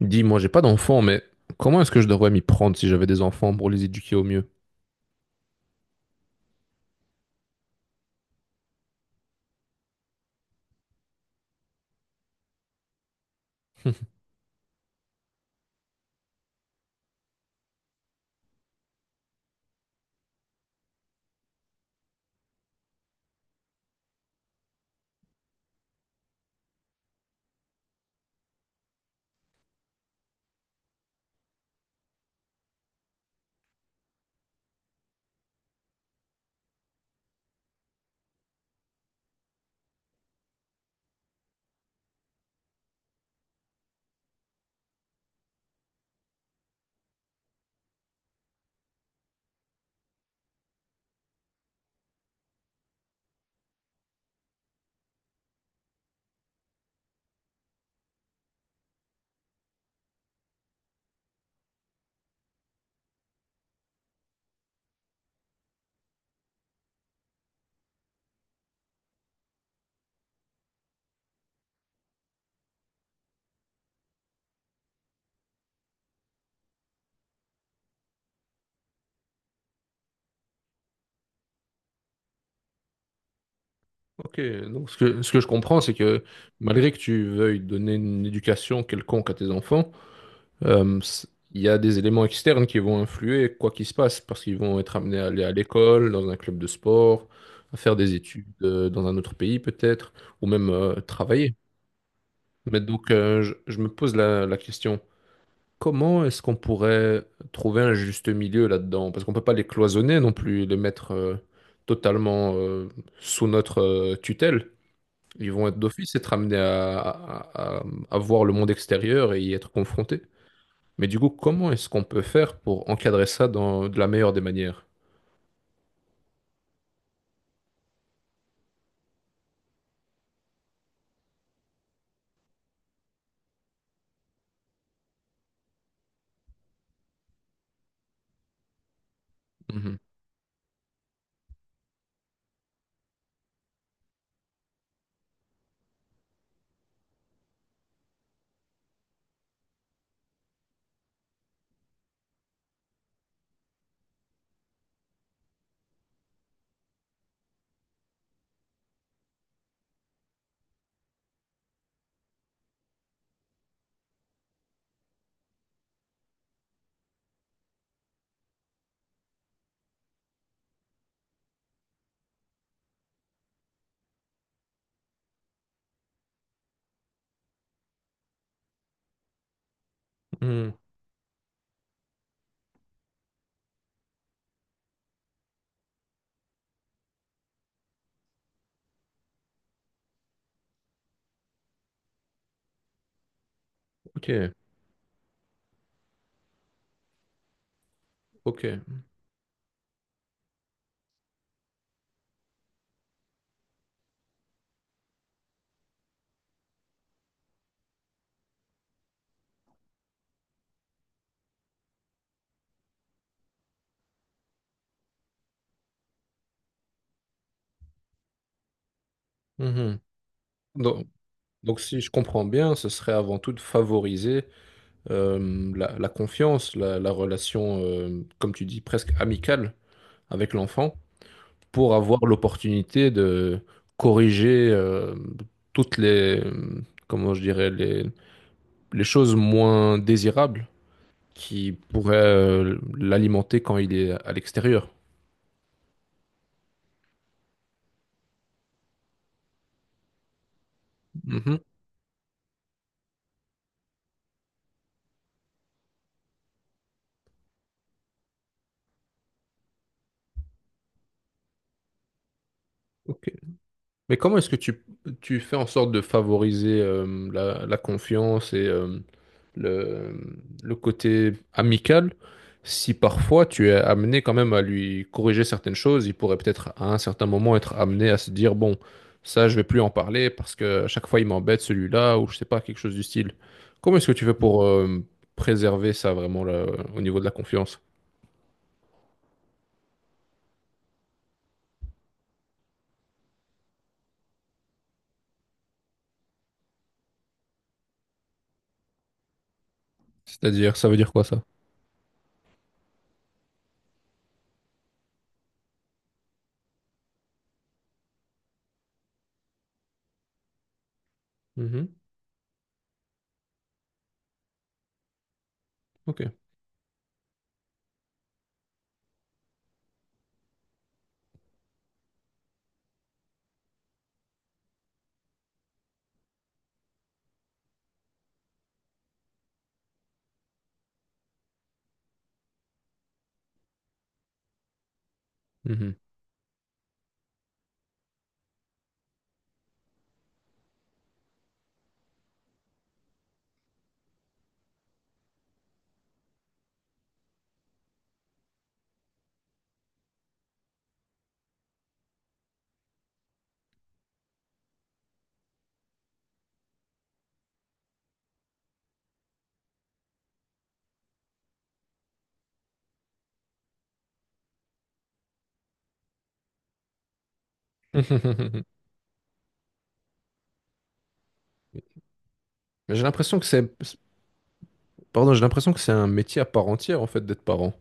Dis, moi, j'ai pas d'enfants, mais comment est-ce que je devrais m'y prendre si j'avais des enfants pour les éduquer au mieux? Ok, donc ce que je comprends, c'est que malgré que tu veuilles donner une éducation quelconque à tes enfants, il y a des éléments externes qui vont influer quoi qu'il se passe, parce qu'ils vont être amenés à aller à l'école, dans un club de sport, à faire des études dans un autre pays peut-être, ou même travailler. Mais donc, je me pose la question. Comment est-ce qu'on pourrait trouver un juste milieu là-dedans? Parce qu'on peut pas les cloisonner non plus, les mettre totalement sous notre tutelle. Ils vont être d'office être amenés à voir le monde extérieur et y être confrontés. Mais du coup, comment est-ce qu'on peut faire pour encadrer ça dans, de la meilleure des manières? Mhm. Mhm. Ok, ok. Mhm. Donc, donc si je comprends bien, ce serait avant tout de favoriser la confiance, la relation, comme tu dis, presque amicale avec l'enfant pour avoir l'opportunité de corriger toutes les, comment je dirais, les choses moins désirables qui pourraient l'alimenter quand il est à l'extérieur. Mhm. Ok, mais comment est-ce que tu fais en sorte de favoriser la confiance et le côté amical si parfois tu es amené quand même à lui corriger certaines choses, il pourrait peut-être à un certain moment être amené à se dire, bon, ça je vais plus en parler parce que à chaque fois il m'embête celui-là ou je sais pas, quelque chose du style. Comment est-ce que tu fais pour préserver ça vraiment là, au niveau de la confiance? C'est-à-dire, ça veut dire quoi ça? Mhm. Ok. Mhm. J'ai l'impression que c'est pardon, j'ai l'impression que c'est un métier à part entière, en fait, d'être parent.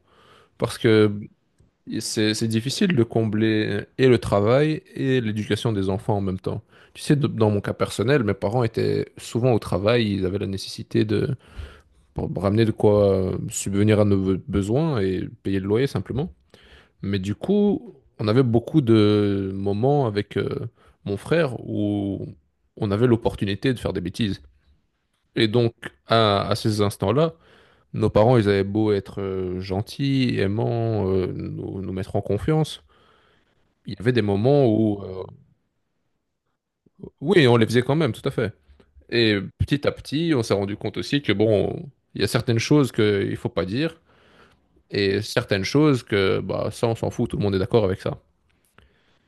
Parce que c'est difficile de combler et le travail et l'éducation des enfants en même temps. Tu sais, dans mon cas personnel, mes parents étaient souvent au travail, ils avaient la nécessité de pour me ramener de quoi subvenir à nos besoins et payer le loyer simplement. Mais du coup, on avait beaucoup de moments avec mon frère où on avait l'opportunité de faire des bêtises. Et donc, à ces instants-là, nos parents, ils avaient beau être gentils, aimants, nous, nous mettre en confiance. Il y avait des moments oui, on les faisait quand même, tout à fait. Et petit à petit, on s'est rendu compte aussi que, bon, il y a certaines choses qu'il ne faut pas dire, et certaines choses que, bah, ça, on s'en fout, tout le monde est d'accord avec ça.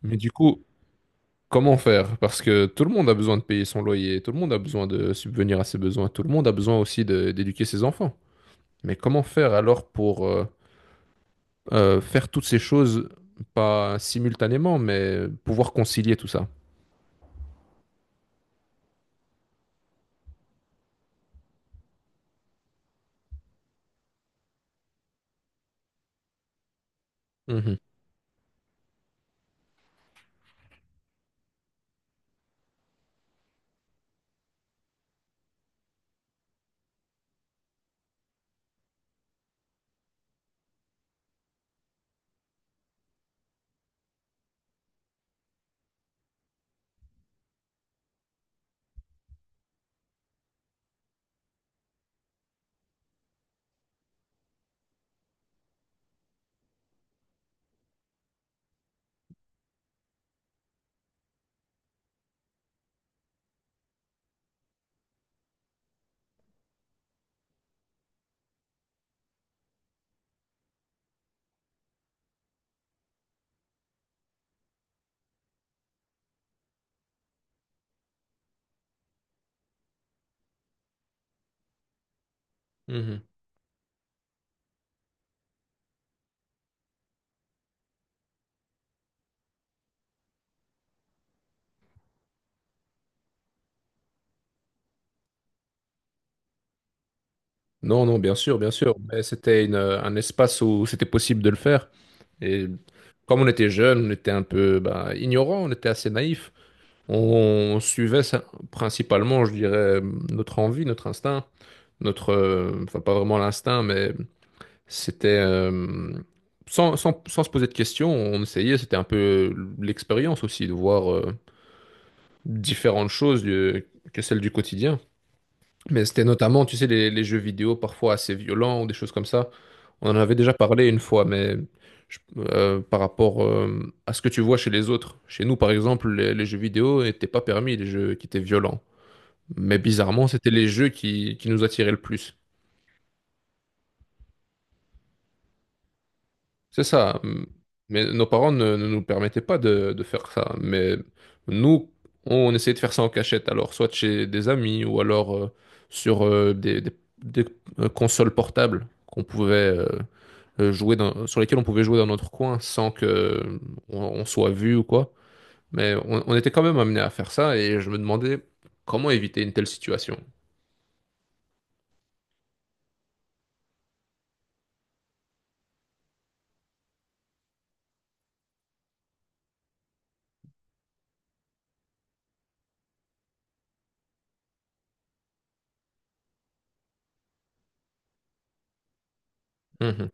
Mais du coup, comment faire? Parce que tout le monde a besoin de payer son loyer, tout le monde a besoin de subvenir à ses besoin, tout le monde a besoin aussi d'éduquer ses enfants. Mais comment faire alors pour... faire toutes ces choses, pas simultanément, mais pouvoir concilier tout ça. Mhm, mhm. Non, non, bien sûr, bien sûr. Mais c'était une, un espace où c'était possible de le faire. Et comme on était jeunes, on était un peu bah, ignorants, on était assez naïfs. On, suivait principalement, je dirais, notre envie, notre instinct, notre, enfin pas vraiment l'instinct, mais c'était sans se poser de questions, on essayait. C'était un peu l'expérience aussi de voir, différentes choses que celles du quotidien. Mais c'était notamment, tu sais, les jeux vidéo parfois assez violents ou des choses comme ça. On en avait déjà parlé une fois, mais par rapport à ce que tu vois chez les autres. Chez nous, par exemple, les jeux vidéo n'étaient pas permis, les jeux qui étaient violents. Mais bizarrement, c'était les jeux qui nous attiraient le plus. C'est ça. Mais nos parents ne nous permettaient pas de faire ça. Mais nous, on essayait de faire ça en cachette. Alors, soit chez des amis ou alors sur consoles portables qu'on pouvait jouer sur lesquelles on pouvait jouer dans notre coin sans que on soit vu ou quoi. Mais on était quand même amené à faire ça et je me demandais comment éviter une telle situation. Mhm.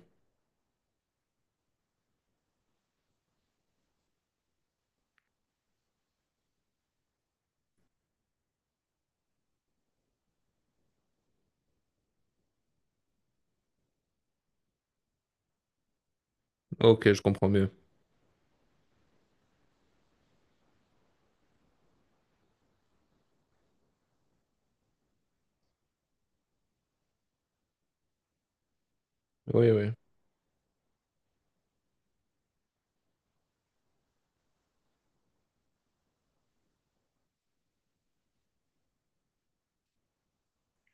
Ok, je comprends mieux. Oui, oui.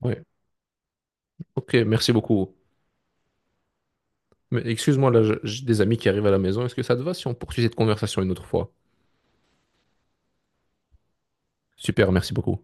Oui. Ok, merci beaucoup. Mais excuse-moi, là, j'ai des amis qui arrivent à la maison. Est-ce que ça te va si on poursuit cette conversation une autre fois? Super, merci beaucoup.